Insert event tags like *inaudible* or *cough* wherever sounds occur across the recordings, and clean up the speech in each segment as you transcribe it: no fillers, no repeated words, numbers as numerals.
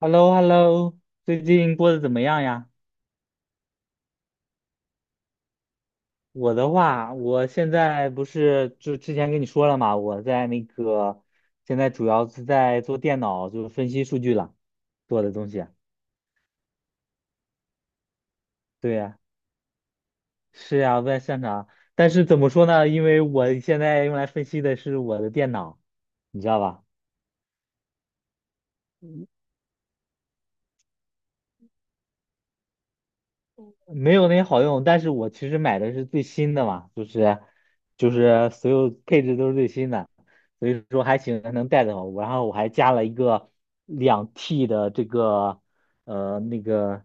hello hello 最近过得怎么样呀？我的话，我现在不是就之前跟你说了嘛，我在现在主要是在做电脑，就是分析数据了，做的东西啊。对呀，是呀，在擅长。但是怎么说呢？因为我现在用来分析的是我的电脑，你知道吧？没有那好用，但是我其实买的是最新的嘛，就是所有配置都是最新的，所以说还行，能带得好。然后我还加了一个两 T 的呃那个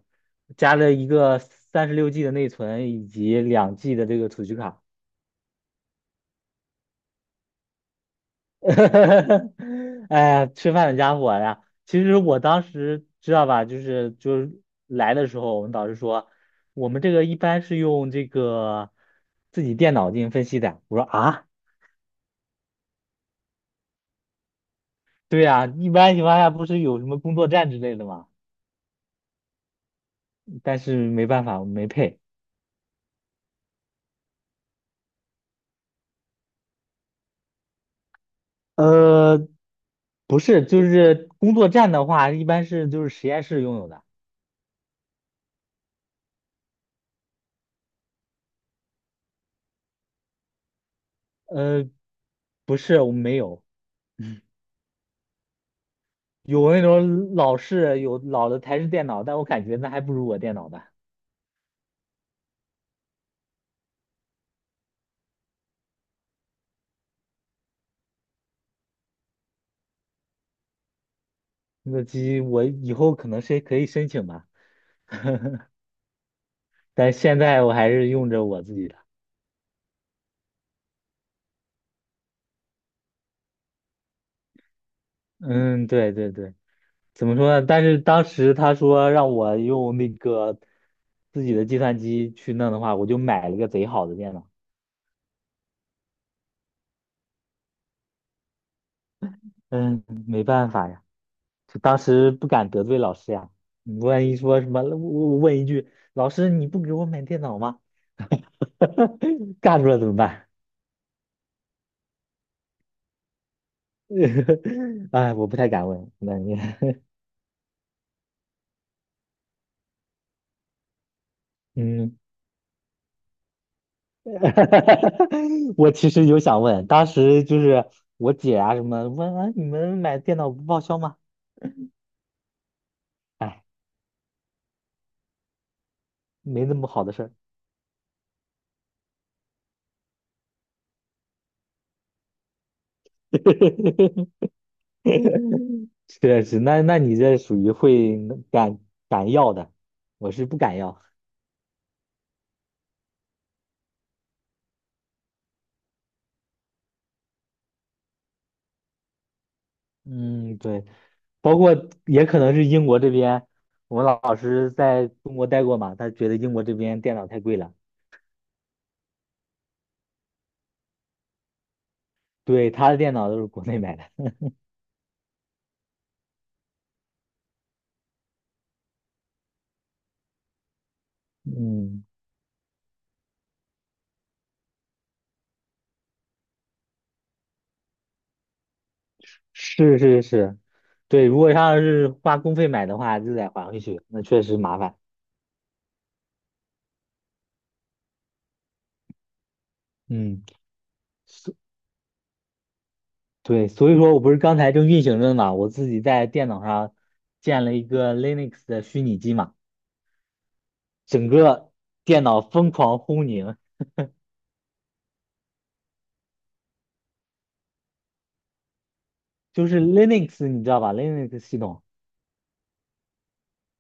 加了一个36G 的内存以及2G 的这个储蓄卡。*laughs* 哎呀，吃饭的家伙呀！其实我当时知道吧，来的时候，我们导师说，我们这个一般是用这个自己电脑进行分析的。我说啊，对呀，一般情况下不是有什么工作站之类的吗？但是没办法，我们没配。呃，不是，就是工作站的话，一般是就是实验室拥有的。呃，不是，我们没有。有那种老的台式电脑，但我感觉那还不如我电脑呢。那个机我以后可能是可以申请吧，但现在我还是用着我自己的。嗯，对对对，怎么说呢？但是当时他说让我用那个自己的计算机去弄的话，我就买了个贼好的电脑。嗯，没办法呀，就当时不敢得罪老师呀。你万一说什么，我问一句，老师你不给我买电脑吗？*laughs* 干出来怎么办？*laughs* 哎，我不太敢问，那你，*laughs* 嗯，*laughs* 我其实有想问，当时就是我姐啊什么问啊，你们买电脑不报销吗？哎，没那么好的事儿。*laughs* 确实，那你这属于会敢敢要的，我是不敢要。嗯，对，包括也可能是英国这边，我们老师在中国待过嘛，他觉得英国这边电脑太贵了，对，他的电脑都是国内买的。嗯。是是是，对，如果要是花公费买的话，就得还回去，那确实麻烦。嗯，所对，所以说我不是刚才正运行着呢嘛，我自己在电脑上建了一个 Linux 的虚拟机嘛，整个电脑疯狂轰鸣，就是 Linux 你知道吧？Linux 系统。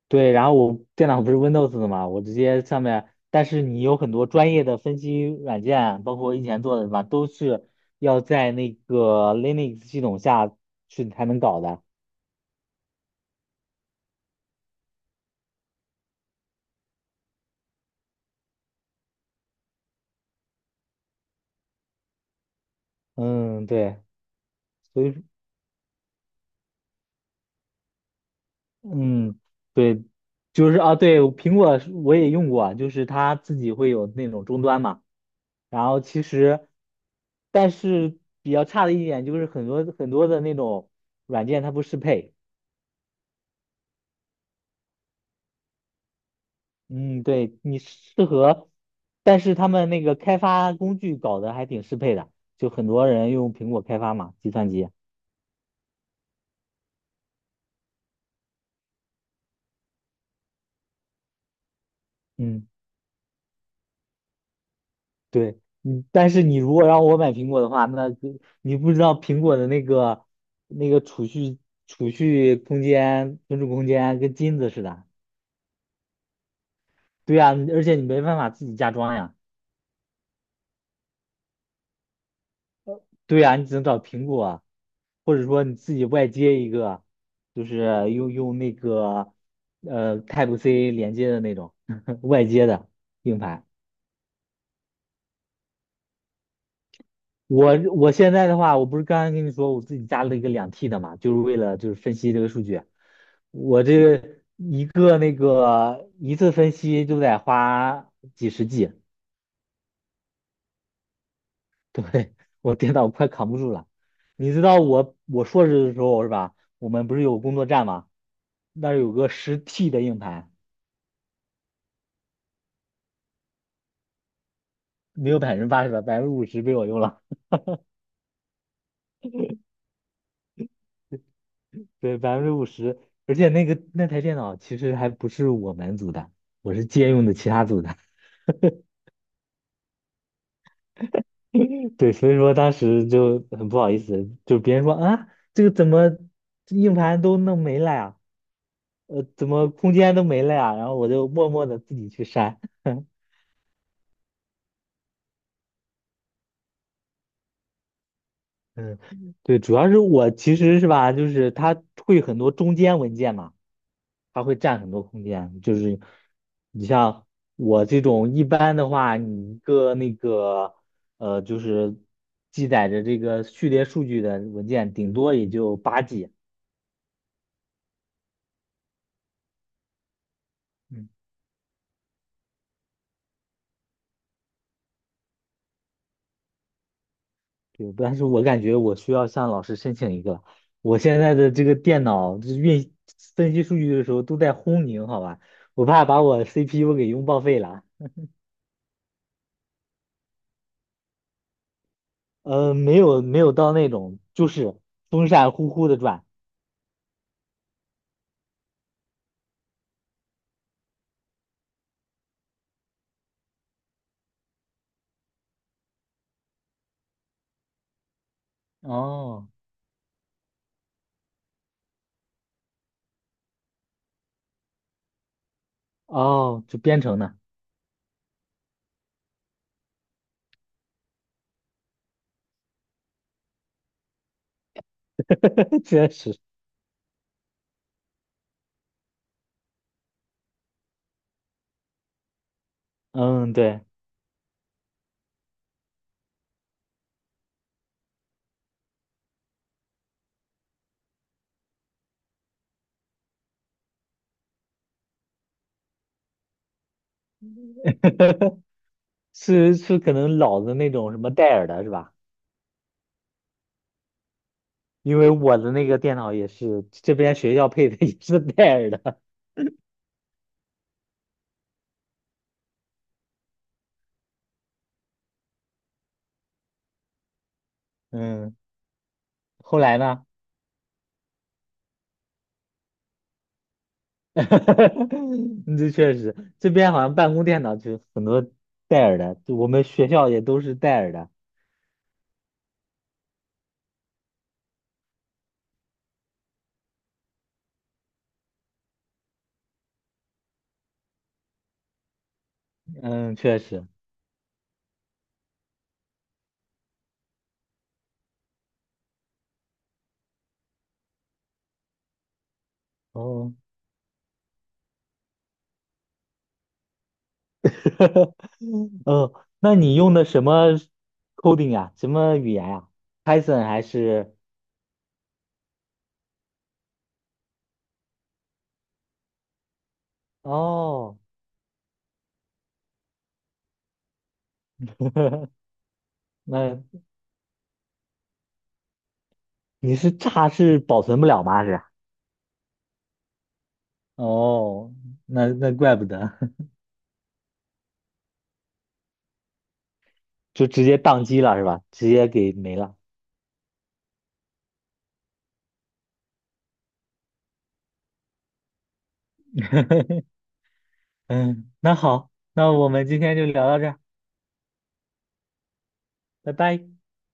对，然后我电脑不是 Windows 的嘛，我直接上面，但是你有很多专业的分析软件，包括我以前做的什么，都是要在那个 Linux 系统下去才能搞的。嗯，对，所以嗯，对，就是啊，对，苹果是我也用过，就是它自己会有那种终端嘛，然后其实，但是比较差的一点就是很多很多的那种软件它不适配。嗯，对，你适合，但是他们那个开发工具搞得还挺适配的，就很多人用苹果开发嘛，计算机。嗯，对，嗯，但是你如果让我买苹果的话，那就你不知道苹果的那个储蓄空间、存储空间跟金子似的。对呀，而且你没办法自己加装呀。对呀，你只能找苹果啊或者说你自己外接一个，就是用那个Type C 连接的那种 *laughs* 外接的硬盘。我现在的话，我不是刚刚跟你说我自己加了一个两 T 的嘛，就是为了就是分析这个数据。我这个一个那个一次分析就得花几十G，*laughs* 对，我电脑快扛不住了。你知道我硕士的时候是吧？我们不是有工作站吗？那儿有个10T 的硬盘，没有80%吧，百分之五十被我用了。对，百分之五十，而且那个那台电脑其实还不是我们组的，我是借用的其他组的。*laughs* 对，所以说当时就很不好意思，就别人说啊，怎么硬盘都弄没了呀？怎么空间都没了呀？然后我就默默的自己去删。*laughs* 嗯，对，主要是我其实是吧，就是它会很多中间文件嘛，它会占很多空间。就是你像我这种一般的话，你一个呃，就是记载着这个序列数据的文件，顶多也就8G。嗯，对，但是我感觉我需要向老师申请一个，我现在的这个电脑就是分析数据的时候都在轰鸣，好吧，我怕把我 CPU 给用报废了。没有没有到那种，就是风扇呼呼的转。哦哦，就编程呢，*laughs* 确实，嗯，对，*laughs* 是可能老的那种什么戴尔的是吧？因为我的那个电脑也是这边学校配的，也是戴尔的。嗯，后来呢？*laughs* 嗯这确实，这边好像办公电脑就很多戴尔的，就我们学校也都是戴尔的。嗯，确实。哦。*laughs* 嗯，那你用的什么 coding 啊？什么语言呀？Python 还是？哦，*laughs* 那你是炸是保存不了吗？是？哦，那怪不得，*laughs* 就直接宕机了是吧？直接给没了。*laughs* 嗯，那好，那我们今天就聊到这儿，拜拜。